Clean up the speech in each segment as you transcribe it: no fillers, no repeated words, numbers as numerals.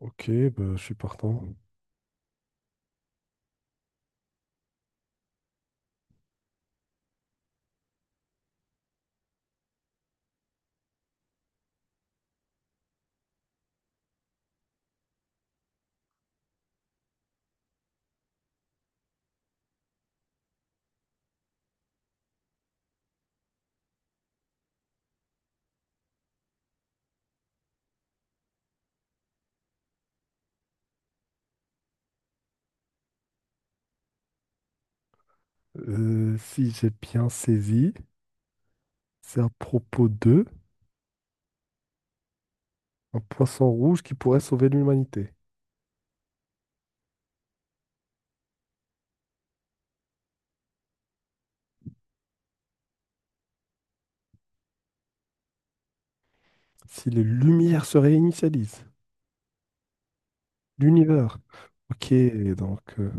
Ok, bah, je suis partant. Si j'ai bien saisi, c'est à propos de un poisson rouge qui pourrait sauver l'humanité. Si les lumières se réinitialisent, l'univers. Ok, donc euh,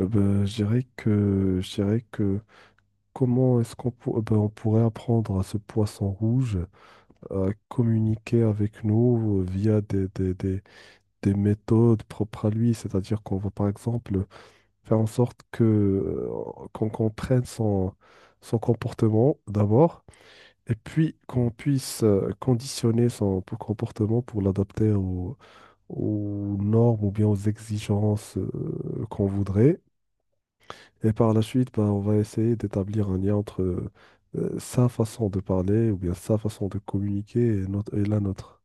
euh, bah, je dirais que comment est-ce qu'on pour- bah, on pourrait apprendre à ce poisson rouge à communiquer avec nous via des méthodes propres à lui, c'est-à-dire qu'on va par exemple faire en sorte que qu'on comprenne son, son comportement d'abord, et puis qu'on puisse conditionner son comportement pour l'adapter aux, aux normes ou bien aux exigences qu'on voudrait. Et par la suite, bah, on va essayer d'établir un lien entre sa façon de parler ou bien sa façon de communiquer et, et la nôtre.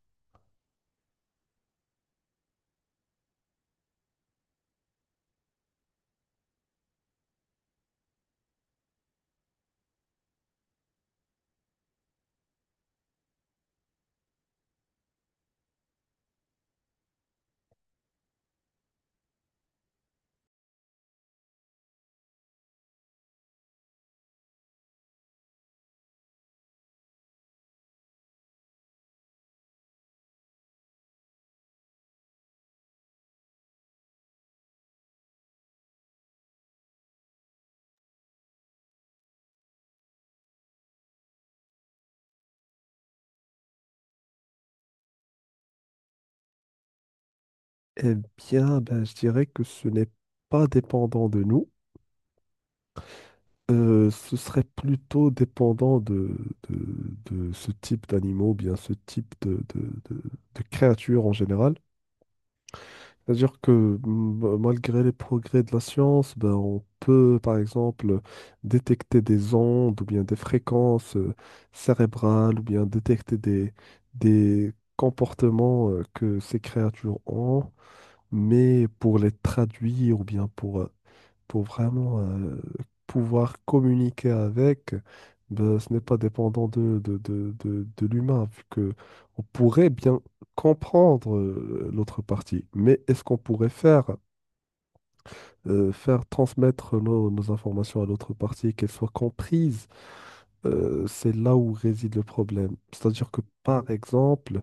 Eh bien, ben, je dirais que ce n'est pas dépendant de nous. Ce serait plutôt dépendant de, de ce type d'animaux, ou bien ce type de- de créatures en général. C'est-à-dire que malgré les progrès de la science, ben, on peut par exemple détecter des ondes ou bien des fréquences cérébrales ou bien détecter des comportements que ces créatures ont, mais pour les traduire ou bien pour vraiment pouvoir communiquer avec, ben, ce n'est pas dépendant de l'humain, vu que on pourrait bien comprendre l'autre partie. Mais est-ce qu'on pourrait faire, faire transmettre nos, nos informations à l'autre partie, qu'elles soient comprises? C'est là où réside le problème. C'est-à-dire que, par exemple,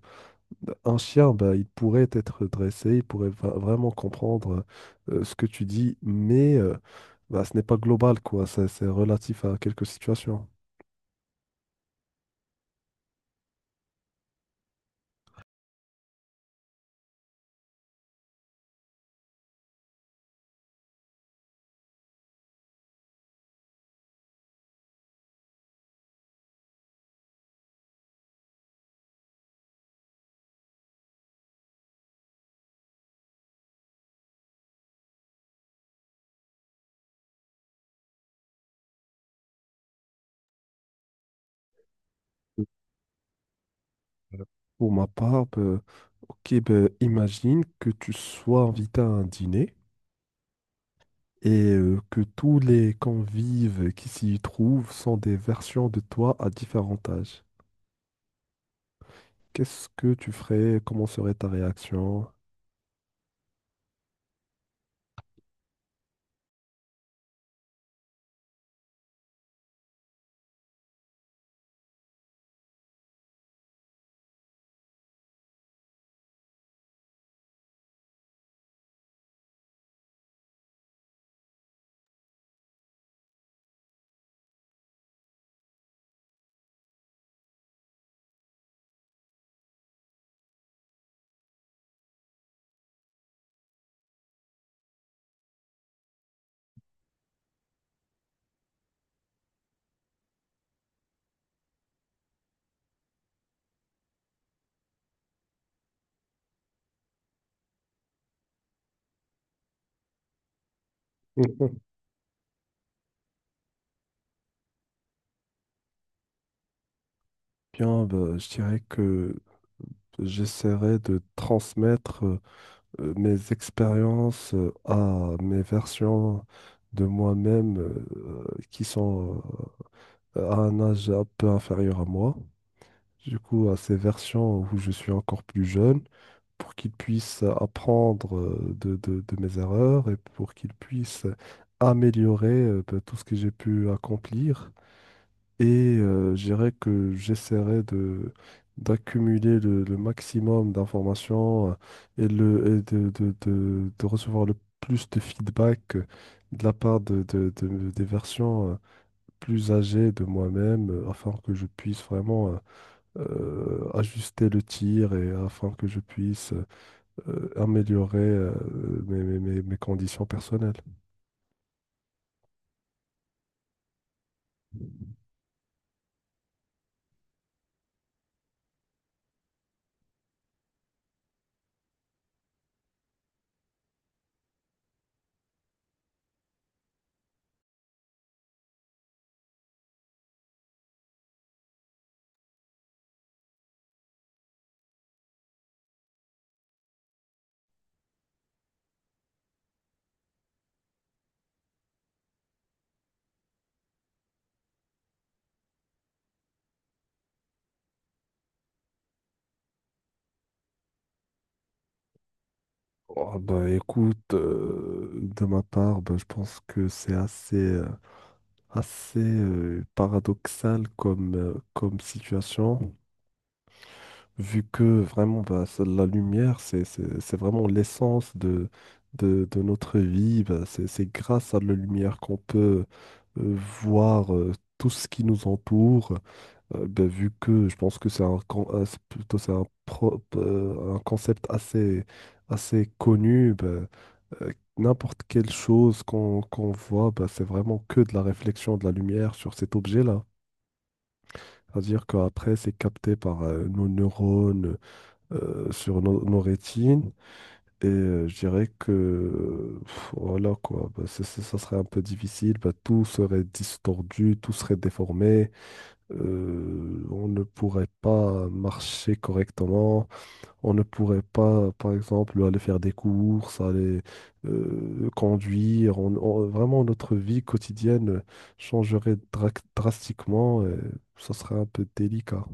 un chien, bah, il pourrait être dressé, il pourrait vraiment comprendre ce que tu dis, mais bah, ce n'est pas global, quoi. C'est relatif à quelques situations. Euh, Pour ma part, bah, ok, bah, imagine que tu sois invité à un dîner et que tous les convives qui s'y trouvent sont des versions de toi à différents âges. Qu'est-ce que tu ferais? Comment serait ta réaction? Bien, bah, je dirais que J'essaierai de transmettre mes expériences à mes versions de moi-même qui sont à un âge un peu inférieur à moi. Du coup, à ces versions où je suis encore plus jeune, pour qu'ils puissent apprendre de mes erreurs et pour qu'ils puissent améliorer ben, tout ce que j'ai pu accomplir. Et je dirais que j'essaierai de d'accumuler le maximum d'informations et, le, et de recevoir le plus de feedback de la part des versions plus âgées de moi-même afin que je puisse vraiment ajuster le tir et afin que je puisse améliorer mes, mes conditions personnelles. Oh, bah, écoute, de ma part, bah, je pense que c'est assez... assez paradoxal comme, comme situation, vu que vraiment bah, la lumière, c'est vraiment l'essence de notre vie. Bah, c'est grâce à la lumière qu'on peut euh, voir tout ce qui nous entoure, ben, vu que je pense que c'est c'est plutôt c'est un concept assez, assez connu, ben, n'importe quelle chose qu'on voit, ben, c'est vraiment que de la réflexion de la lumière sur cet objet-là. C'est-à-dire qu'après, c'est capté par nos neurones sur nos, nos rétines. Et je dirais que pff, voilà quoi, ben, ça serait un peu difficile, ben, tout serait distordu, tout serait déformé on ne pourrait pas marcher correctement, on ne pourrait pas, par exemple, aller faire des courses, aller conduire. Vraiment, notre vie quotidienne changerait drastiquement et ça serait un peu délicat.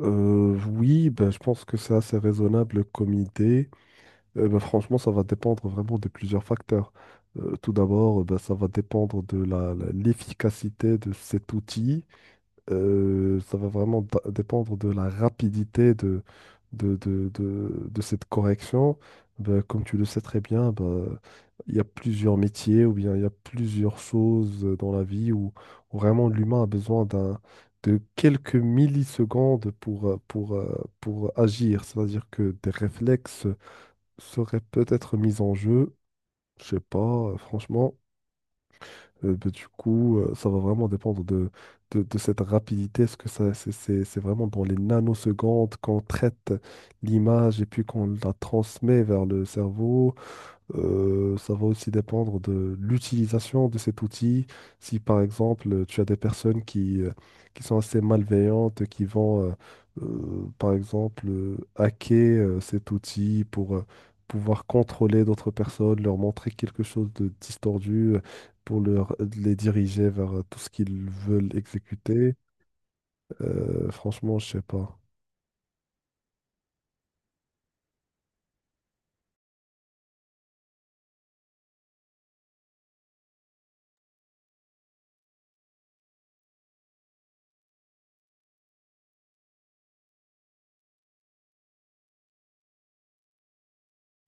Oui, ben, je pense que c'est assez raisonnable comme idée. Ben, franchement, ça va dépendre vraiment de plusieurs facteurs. Tout d'abord, ben, ça va dépendre de la, l'efficacité de cet outil. Ça va vraiment dépendre de la rapidité de cette correction. Ben, comme tu le sais très bien, ben, il y a plusieurs métiers ou bien il y a plusieurs choses dans la vie où, où vraiment l'humain a besoin d'un, de quelques millisecondes pour agir. C'est-à-dire que des réflexes seraient peut-être mis en jeu. Je sais pas, franchement. Bah, du coup, ça va vraiment dépendre de cette rapidité. Est-ce que ça, c'est vraiment dans les nanosecondes qu'on traite l'image et puis qu'on la transmet vers le cerveau? Ça va aussi dépendre de l'utilisation de cet outil. Si par exemple tu as des personnes qui sont assez malveillantes, qui vont par exemple hacker cet outil pour pouvoir contrôler d'autres personnes, leur montrer quelque chose de distordu pour leur, les diriger vers tout ce qu'ils veulent exécuter, franchement, je sais pas.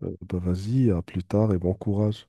Bah vas-y, à plus tard et bon courage.